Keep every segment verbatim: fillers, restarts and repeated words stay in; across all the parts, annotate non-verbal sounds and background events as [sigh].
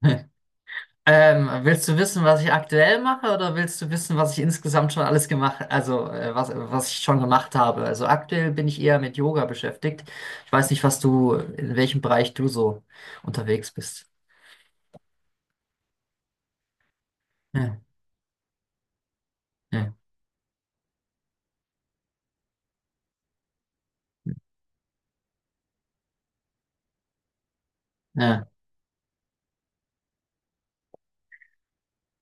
[laughs] Ähm, willst du wissen, was ich aktuell mache, oder willst du wissen, was ich insgesamt schon alles gemacht, also äh, was, was ich schon gemacht habe? Also aktuell bin ich eher mit Yoga beschäftigt. Ich weiß nicht, was du, in welchem Bereich du so unterwegs bist. Ja, ja, ja.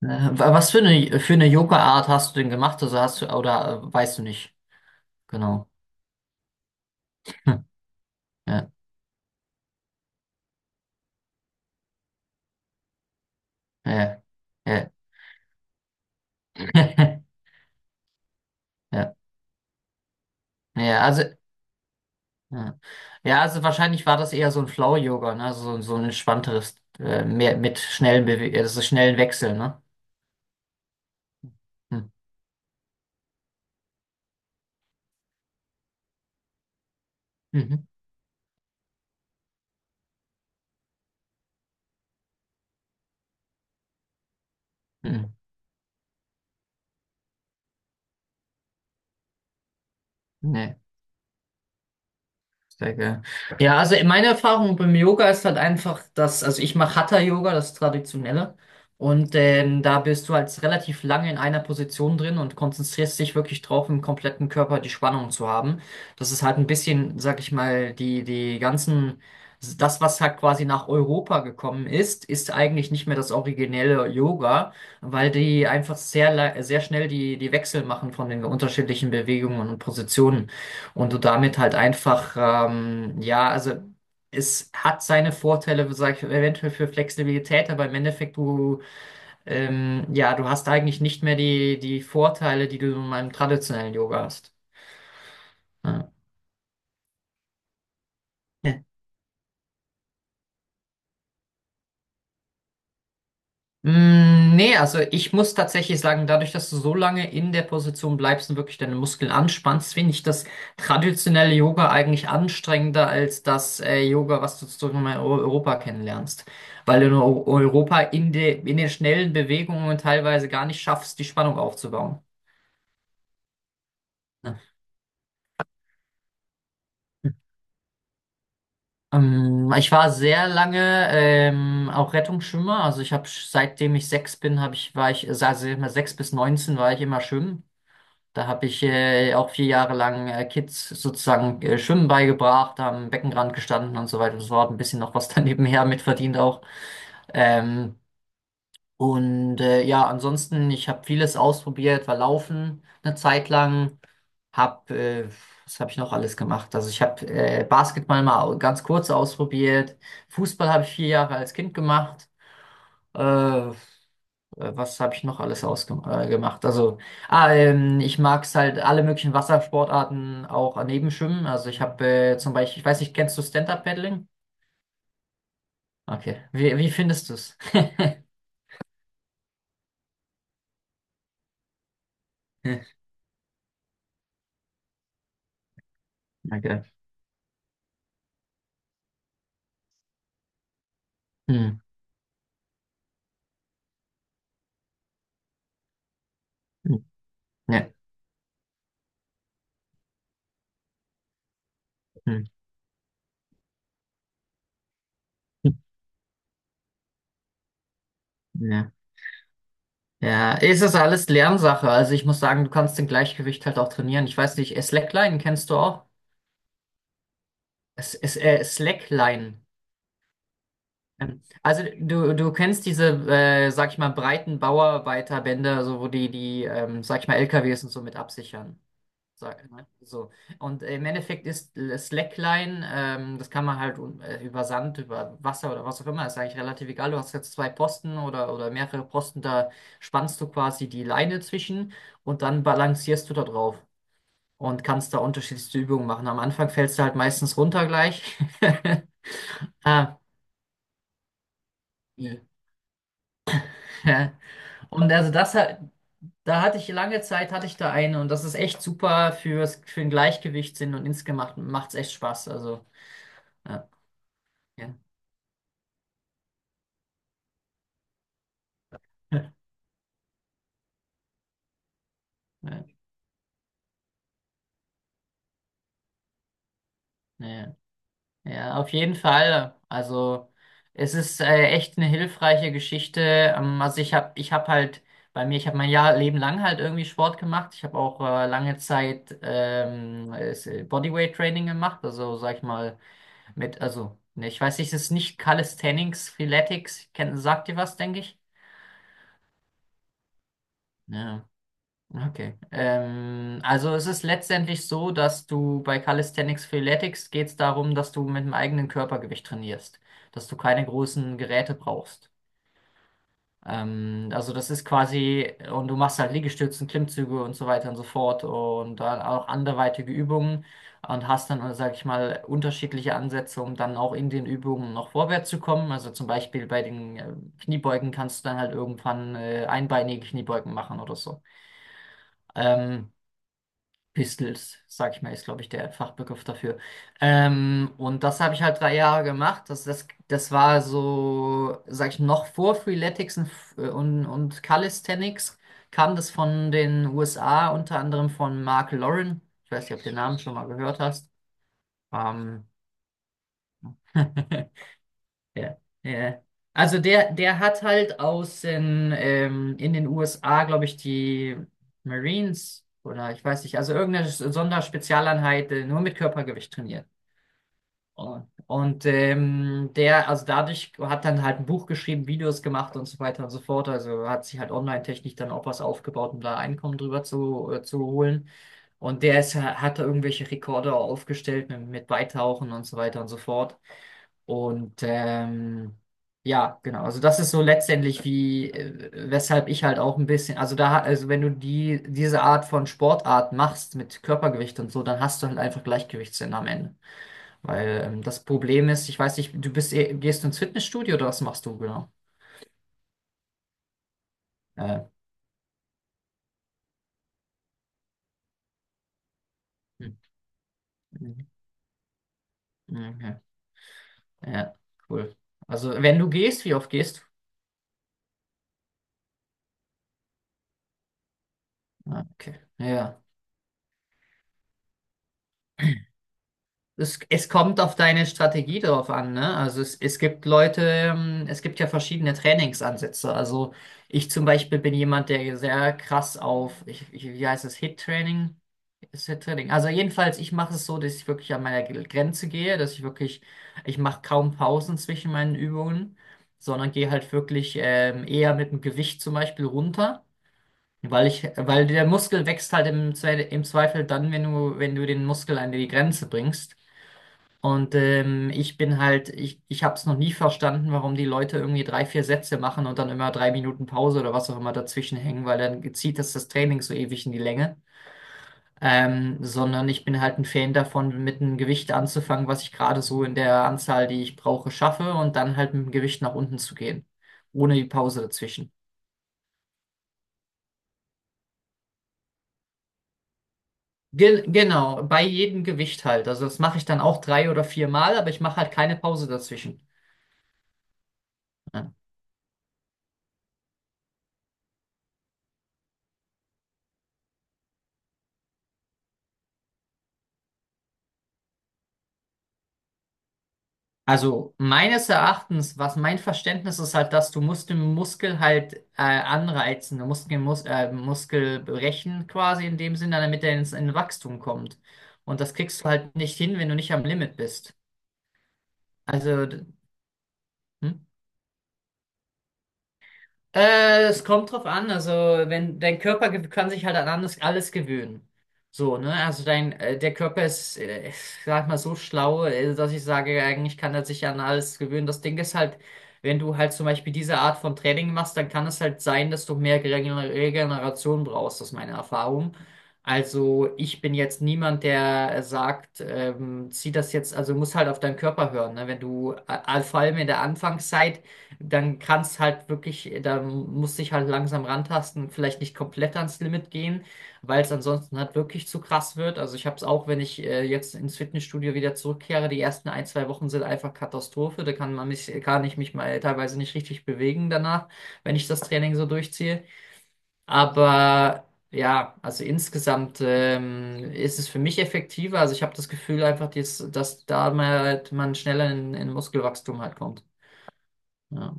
Äh, wa- Was für eine, für eine Yoga-Art hast du denn gemacht? Also hast du, oder äh, weißt du nicht? Genau. Hm, ja, ja, ja. [laughs] Ja, ja, also ja. Ja, also wahrscheinlich war das eher so ein Flow-Yoga, ne? Also So, so ein entspannteres, äh, mehr mit schnellen Bewe also schnellen Wechseln, ne? Hm. Mhm. Mhm. Nee. Sehr geil. Ja, also meine Erfahrung beim Yoga ist halt einfach, dass, also ich mache Hatha-Yoga, das Traditionelle. Und ähm, da bist du halt relativ lange in einer Position drin und konzentrierst dich wirklich drauf, im kompletten Körper die Spannung zu haben. Das ist halt ein bisschen, sag ich mal, die, die ganzen, das, was halt quasi nach Europa gekommen ist, ist eigentlich nicht mehr das originelle Yoga, weil die einfach sehr, la- sehr schnell die, die Wechsel machen von den unterschiedlichen Bewegungen und Positionen. Und du damit halt einfach, ähm, ja, also es hat seine Vorteile, sag ich, eventuell für Flexibilität, aber im Endeffekt du, ähm, ja, du hast eigentlich nicht mehr die, die Vorteile, die du in meinem traditionellen Yoga hast. Ja. Mm, nee, also ich muss tatsächlich sagen, dadurch, dass du so lange in der Position bleibst und wirklich deine Muskeln anspannst, finde ich das traditionelle Yoga eigentlich anstrengender als das äh, Yoga, was du sozusagen in Eu- Europa kennenlernst. Weil du in Eu- Europa in, de, in den schnellen Bewegungen teilweise gar nicht schaffst, die Spannung aufzubauen. Ja. Ähm, ich war sehr lange ähm, auch Rettungsschwimmer. Also ich habe seitdem ich sechs bin, habe ich, war ich, also immer sechs bis neunzehn war ich immer schwimmen. Da habe ich äh, auch vier Jahre lang äh, Kids sozusagen äh, Schwimmen beigebracht, am Beckenrand gestanden und so weiter und so fort. Ein bisschen noch was [laughs] daneben her mitverdient auch. Ähm, und äh, ja, ansonsten, ich habe vieles ausprobiert, war Laufen eine Zeit lang, hab, äh, was habe ich noch alles gemacht? Also ich habe äh, Basketball mal au- ganz kurz ausprobiert, Fußball habe ich vier Jahre als Kind gemacht. Äh, äh, Was habe ich noch alles ausgemacht? Äh, gemacht? Also, ah, ähm, ich mag es halt alle möglichen Wassersportarten auch daneben schwimmen. Also ich habe äh, zum Beispiel, ich weiß nicht, kennst du Stand-Up-Paddling? Okay. Wie, wie findest du es? [laughs] Okay. Hm. Hm. Ja. Hm. Hm, ja. Ja, es ist alles Lernsache. Also ich muss sagen, du kannst den Gleichgewicht halt auch trainieren. Ich weiß nicht, Slackline kennst du auch? Es, es, äh, Slackline. Ähm, Also du, du kennst diese, äh, sag ich mal, breiten Bauarbeiterbänder, so wo die, die, ähm, sag ich mal, L K Ws und so mit absichern. Sag, ne? So. Und im Endeffekt ist Slackline, ähm, das kann man halt un- äh, über Sand, über Wasser oder was auch immer, ist eigentlich relativ egal. Du hast jetzt zwei Posten oder, oder mehrere Posten, da spannst du quasi die Leine zwischen und dann balancierst du da drauf und kannst da unterschiedlichste Übungen machen. Am Anfang fällst du halt meistens runter gleich. [laughs] Ah, ja. [laughs] Und also das, hat- da hatte ich lange Zeit, hatte ich da eine und das ist echt super fürs, für den Gleichgewichtssinn und insgesamt macht es echt Spaß. Also, ja, ja, [laughs] ja, ja, ja, auf jeden Fall. Also, es ist äh, echt eine hilfreiche Geschichte. Ähm, also, ich habe ich hab halt bei mir, ich habe mein Jahr Leben lang halt irgendwie Sport gemacht. Ich habe auch äh, lange Zeit ähm, es- äh, Bodyweight Training gemacht. Also, sag ich mal, mit, also, ne, ich weiß nicht, es ist nicht Calisthenics, Freeletics, kennt, sagt ihr was, denke ich? Ja, okay. Ähm, also es ist letztendlich so, dass du bei Calisthenics Freeletics geht es darum, dass du mit dem eigenen Körpergewicht trainierst, dass du keine großen Geräte brauchst. Ähm, also das ist quasi, und du machst halt Liegestützen, Klimmzüge und so weiter und so fort und dann auch anderweitige Übungen und hast dann, sag ich mal, unterschiedliche Ansätze, um dann auch in den Übungen noch vorwärts zu kommen. Also zum Beispiel bei den äh, Kniebeugen kannst du dann halt irgendwann äh, einbeinige Kniebeugen machen oder so. Ähm, Pistols, sag ich mal, ist, glaube ich, der Fachbegriff dafür. Ähm, und das habe ich halt drei Jahre gemacht. Das, das, das war so, sag ich, noch vor Freeletics und, äh, und, und Calisthenics kam das von den U S A, unter anderem von Mark Lauren. Ich weiß nicht, ob du den Namen schon mal gehört hast. Ähm, [laughs] Ja, ja. Also der, der hat halt aus den, ähm, in den U S A, glaube ich, die Marines oder ich weiß nicht, also irgendeine S- Sonderspezialeinheit äh, nur mit Körpergewicht trainiert. Und ähm, der, also dadurch hat dann halt ein Buch geschrieben, Videos gemacht und so weiter und so fort. Also hat sich halt online-technisch dann auch was aufgebaut, um da Einkommen drüber zu, äh, zu holen. Und der ist, hat da irgendwelche Rekorde aufgestellt mit, mit Beitauchen und so weiter und so fort. Und ähm, ja, genau. Also das ist so letztendlich wie, äh, weshalb ich halt auch ein bisschen, also da, also wenn du die, diese Art von Sportart machst mit Körpergewicht und so, dann hast du halt einfach Gleichgewichtssinn am Ende. Weil ähm, das Problem ist, ich weiß nicht, du bist, eh- gehst du ins Fitnessstudio oder was machst du genau? Äh, hm, hm, okay. Ja, cool. Also wenn du gehst, wie oft gehst du? Ah, okay. Ja. Es, es kommt auf deine Strategie drauf an, ne? Also es, es gibt Leute, ähm, es gibt ja verschiedene Trainingsansätze. Also ich zum Beispiel bin jemand, der sehr krass auf, ich, ich, wie heißt es, Hit-Training? Ist Hit-Training. Also jedenfalls, ich mache es so, dass ich wirklich an meiner Grenze gehe, dass ich wirklich, ich mache kaum Pausen zwischen meinen Übungen, sondern gehe halt wirklich ähm, eher mit dem Gewicht zum Beispiel runter. Weil ich, weil der Muskel wächst halt im, Zwe- im Zweifel dann, wenn du, wenn du den Muskel an die Grenze bringst. Und ähm, ich bin halt, ich, ich habe es noch nie verstanden, warum die Leute irgendwie drei, vier Sätze machen und dann immer drei Minuten Pause oder was auch immer dazwischen hängen, weil dann zieht das das Training so ewig in die Länge. Ähm, sondern ich bin halt ein Fan davon, mit einem Gewicht anzufangen, was ich gerade so in der Anzahl, die ich brauche, schaffe und dann halt mit dem Gewicht nach unten zu gehen, ohne die Pause dazwischen. Ge Genau, bei jedem Gewicht halt. Also das mache ich dann auch drei oder vier Mal, aber ich mache halt keine Pause dazwischen. Ja. Also meines Erachtens, was mein Verständnis ist, halt, dass du musst den Muskel halt äh, anreizen, du musst den Mus äh, Muskel brechen quasi in dem Sinne, damit er ins in Wachstum kommt. Und das kriegst du halt nicht hin, wenn du nicht am Limit bist. Also, d- hm? Äh, es kommt drauf an, also wenn dein Körper gew- kann sich halt an alles, alles gewöhnen. So, ne? Also dein, äh, der Körper ist, äh, ich sag mal, so schlau, äh, dass ich sage, eigentlich kann er sich an alles gewöhnen. Das Ding ist halt, wenn du halt zum Beispiel diese Art von Training machst, dann kann es halt sein, dass du mehr Regen- Regeneration brauchst, das ist meine Erfahrung. Also ich bin jetzt niemand, der äh, sagt, ähm, zieh das jetzt, also muss halt auf deinen Körper hören, ne? Wenn du, äh, vor allem in der Anfangszeit, dann kannst halt wirklich, da musst dich halt langsam rantasten, vielleicht nicht komplett ans Limit gehen, weil es ansonsten halt wirklich zu krass wird. Also ich habe es auch, wenn ich äh, jetzt ins Fitnessstudio wieder zurückkehre, die ersten ein, zwei Wochen sind einfach Katastrophe. Da kann man mich, kann ich mich mal teilweise nicht richtig bewegen danach, wenn ich das Training so durchziehe. Aber ja, also insgesamt ähm, ist es für mich effektiver. Also ich habe das Gefühl einfach, dass, dass da mal halt man schneller in, in Muskelwachstum halt kommt. Ja.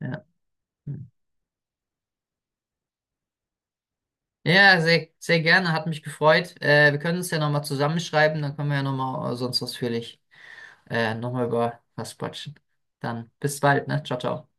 Ja. Hm. Ja, sehr, sehr gerne, hat mich gefreut. Äh, wir können uns ja nochmal zusammenschreiben, dann können wir ja nochmal sonst ausführlich äh, nochmal über was quatschen. Dann bis bald, ne? Ciao, ciao.